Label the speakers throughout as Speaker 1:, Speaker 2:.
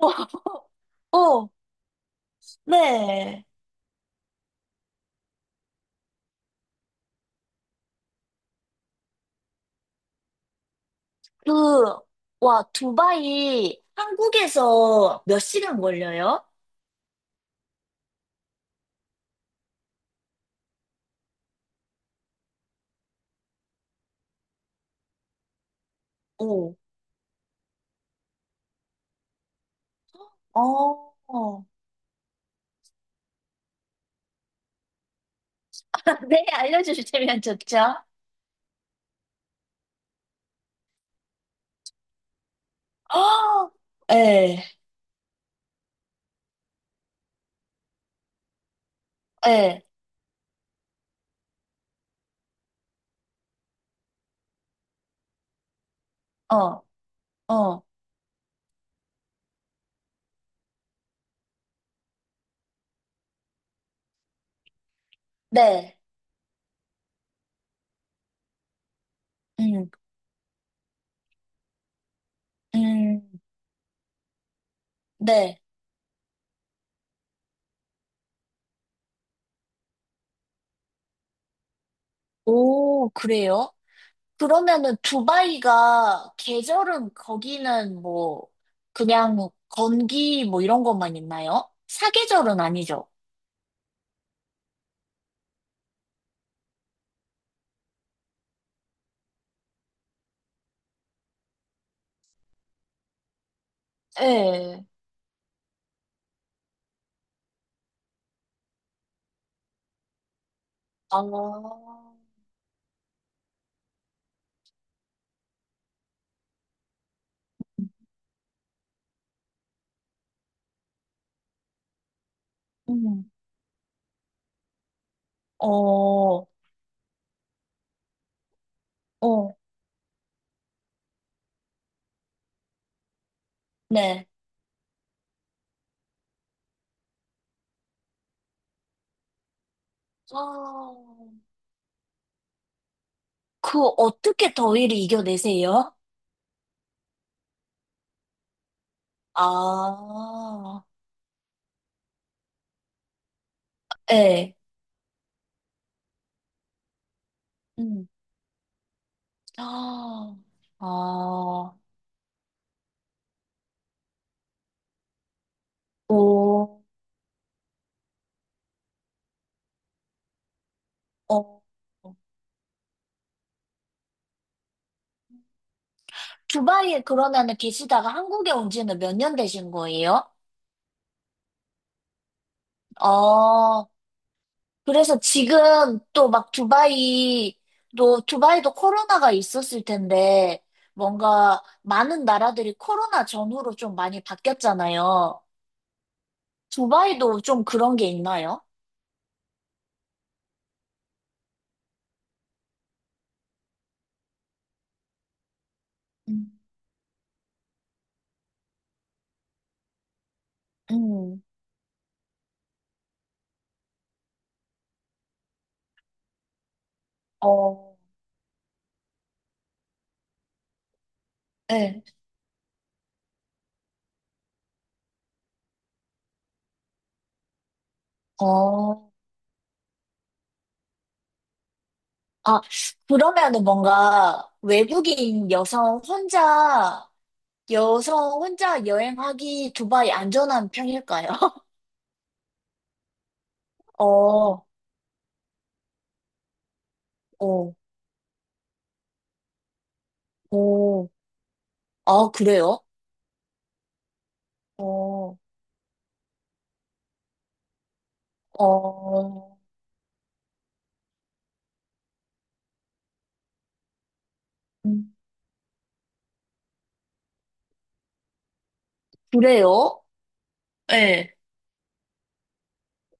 Speaker 1: 어, 어, 네. 그, 와, 두바이 한국에서 몇 시간 걸려요? 오, 어, 어. 네, 알려주시면 좋죠. 어, 예, 예, 어, 어, 네, 음, 음, 네. 오, 그래요? 그러면은 두바이가 계절은 거기는 뭐, 그냥 건기 뭐 이런 것만 있나요? 사계절은 아니죠? 예. 아, 음. 어, 어, 네. 아, 그 어떻게 더위를 이겨내세요? 아, 예. 음. 아, 아, 오, 어. 두바이에 그러면은 계시다가 한국에 온 지는 몇 년 되신 거예요? 아, 그래서 지금 또 막 두바이도 코로나가 있었을 텐데, 뭔가 많은 나라들이 코로나 전후로 좀 많이 바뀌었잖아요. 두바이도 좀 그런 게 있나요? 음. 음, 어, 네, 어. 아, 그러면은 뭔가 외국인 여성 혼자, 여성 혼자 여행하기 두바이 안전한 편일까요? 어, 어, 오. 아, 그래요? 어. 어, 음, 그래요? 네.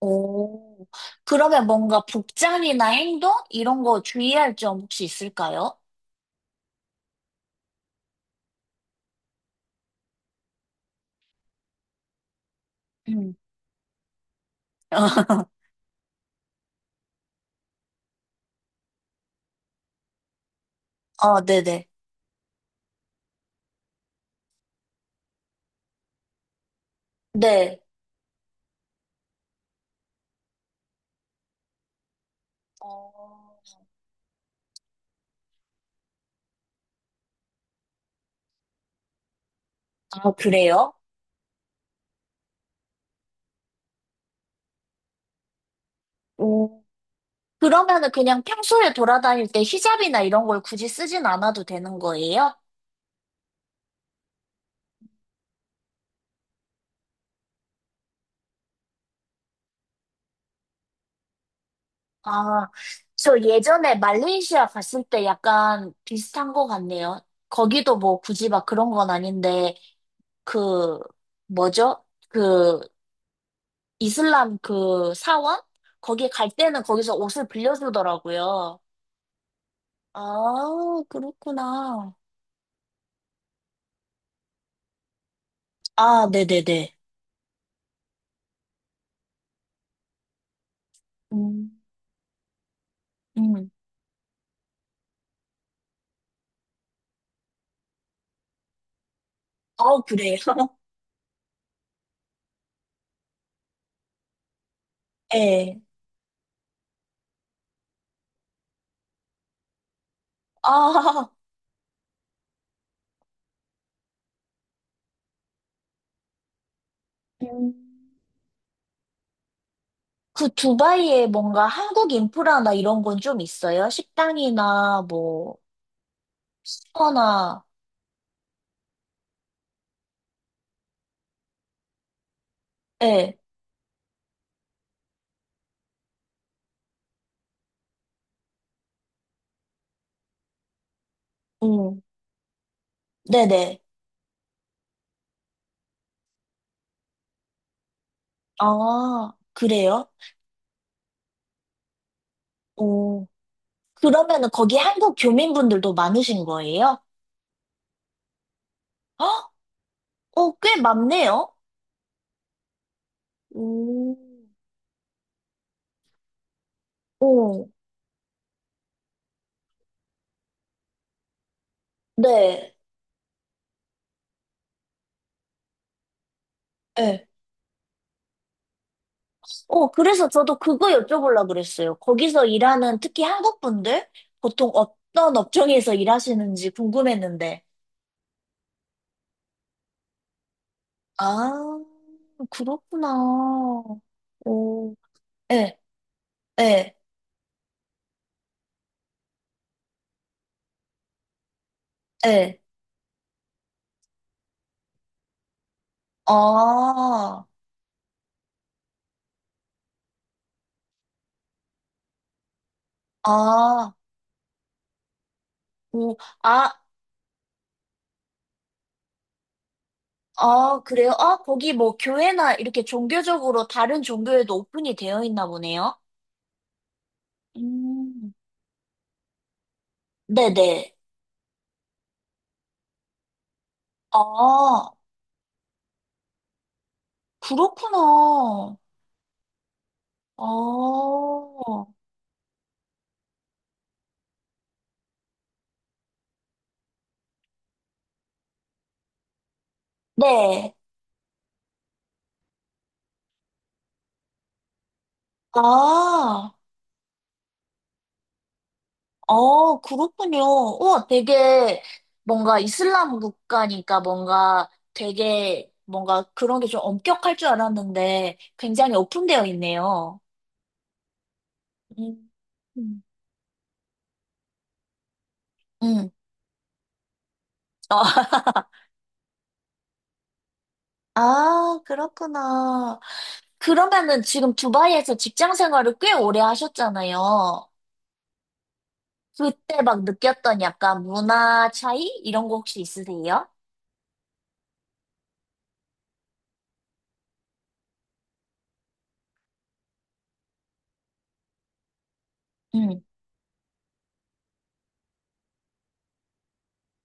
Speaker 1: 오, 그러면 뭔가 복장이나 행동? 이런 거 주의할 점 혹시 있을까요? 음. 어, 네네. 네. 어, 아, 그래요? 오. 그러면은 그냥 평소에 돌아다닐 때 히잡이나 이런 걸 굳이 쓰진 않아도 되는 거예요? 아, 저 예전에 말레이시아 갔을 때 약간 비슷한 거 같네요. 거기도 뭐 굳이 막 그런 건 아닌데, 그, 뭐죠? 그, 이슬람 그 사원? 거기 갈 때는 거기서 옷을 빌려주더라고요. 아, 그렇구나. 아, 네네네. 음, 음. 아, 그래요? 예. 아, 음. 그 두바이에 뭔가 한국 인프라나 이런 건 좀 있어요? 식당이나 뭐, 수퍼나 예. 음, 네네. 아, 그래요? 오. 그러면은 거기 한국 교민분들도 많으신 거예요? 헉? 어, 꽤 많네요. 오, 오. 네. 네. 어, 그래서 저도 그거 여쭤보려고 그랬어요. 거기서 일하는 특히 한국 분들 보통 어떤 업종에서 일하시는지 궁금했는데. 아, 그렇구나. 오, 예, 예, 예. 아, 아, 오, 아, 아, 그래요? 아, 거기 뭐 교회나 이렇게 종교적으로 다른 종교에도 오픈이 되어 있나 보네요? 음, 네네. 아, 그렇구나. 아, 네. 아, 아, 그렇군요. 우 되게 뭔가 이슬람 국가니까 뭔가 되게 뭔가 그런 게 좀 엄격할 줄 알았는데 굉장히 오픈되어 있네요. 음, 음, 음. 어, 아, 그렇구나. 그러면은 지금 두바이에서 직장 생활을 꽤 오래 하셨잖아요. 그때 막 느꼈던 약간 문화 차이? 이런 거 혹시 있으세요? 음,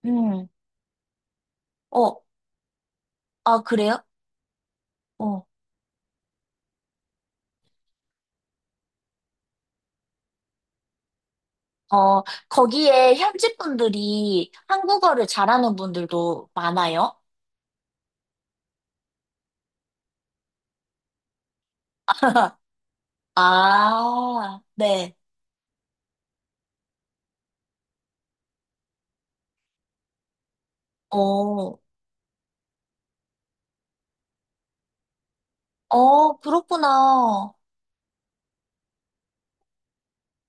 Speaker 1: 음. 어, 아, 그래요? 어, 어, 거기에 현지 분들이 한국어를 잘하는 분들도 많아요? 아, 네. 어, 어, 그렇구나.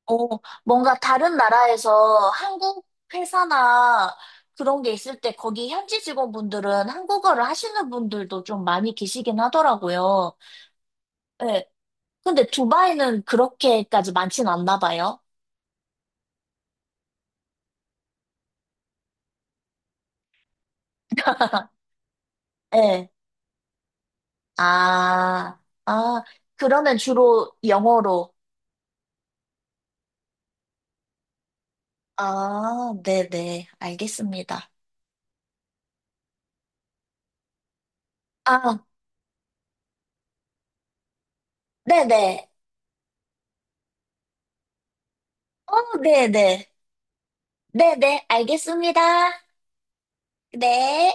Speaker 1: 어, 뭔가 다른 나라에서 한국 회사나 그런 게 있을 때 거기 현지 직원분들은 한국어를 하시는 분들도 좀 많이 계시긴 하더라고요. 네. 근데 두바이는 그렇게까지 많진 않나 봐요. 네. 아, 아, 그러면 주로 영어로. 아, 네네. 알겠습니다. 아, 네네. 어, 네네. 네네. 알겠습니다. 네.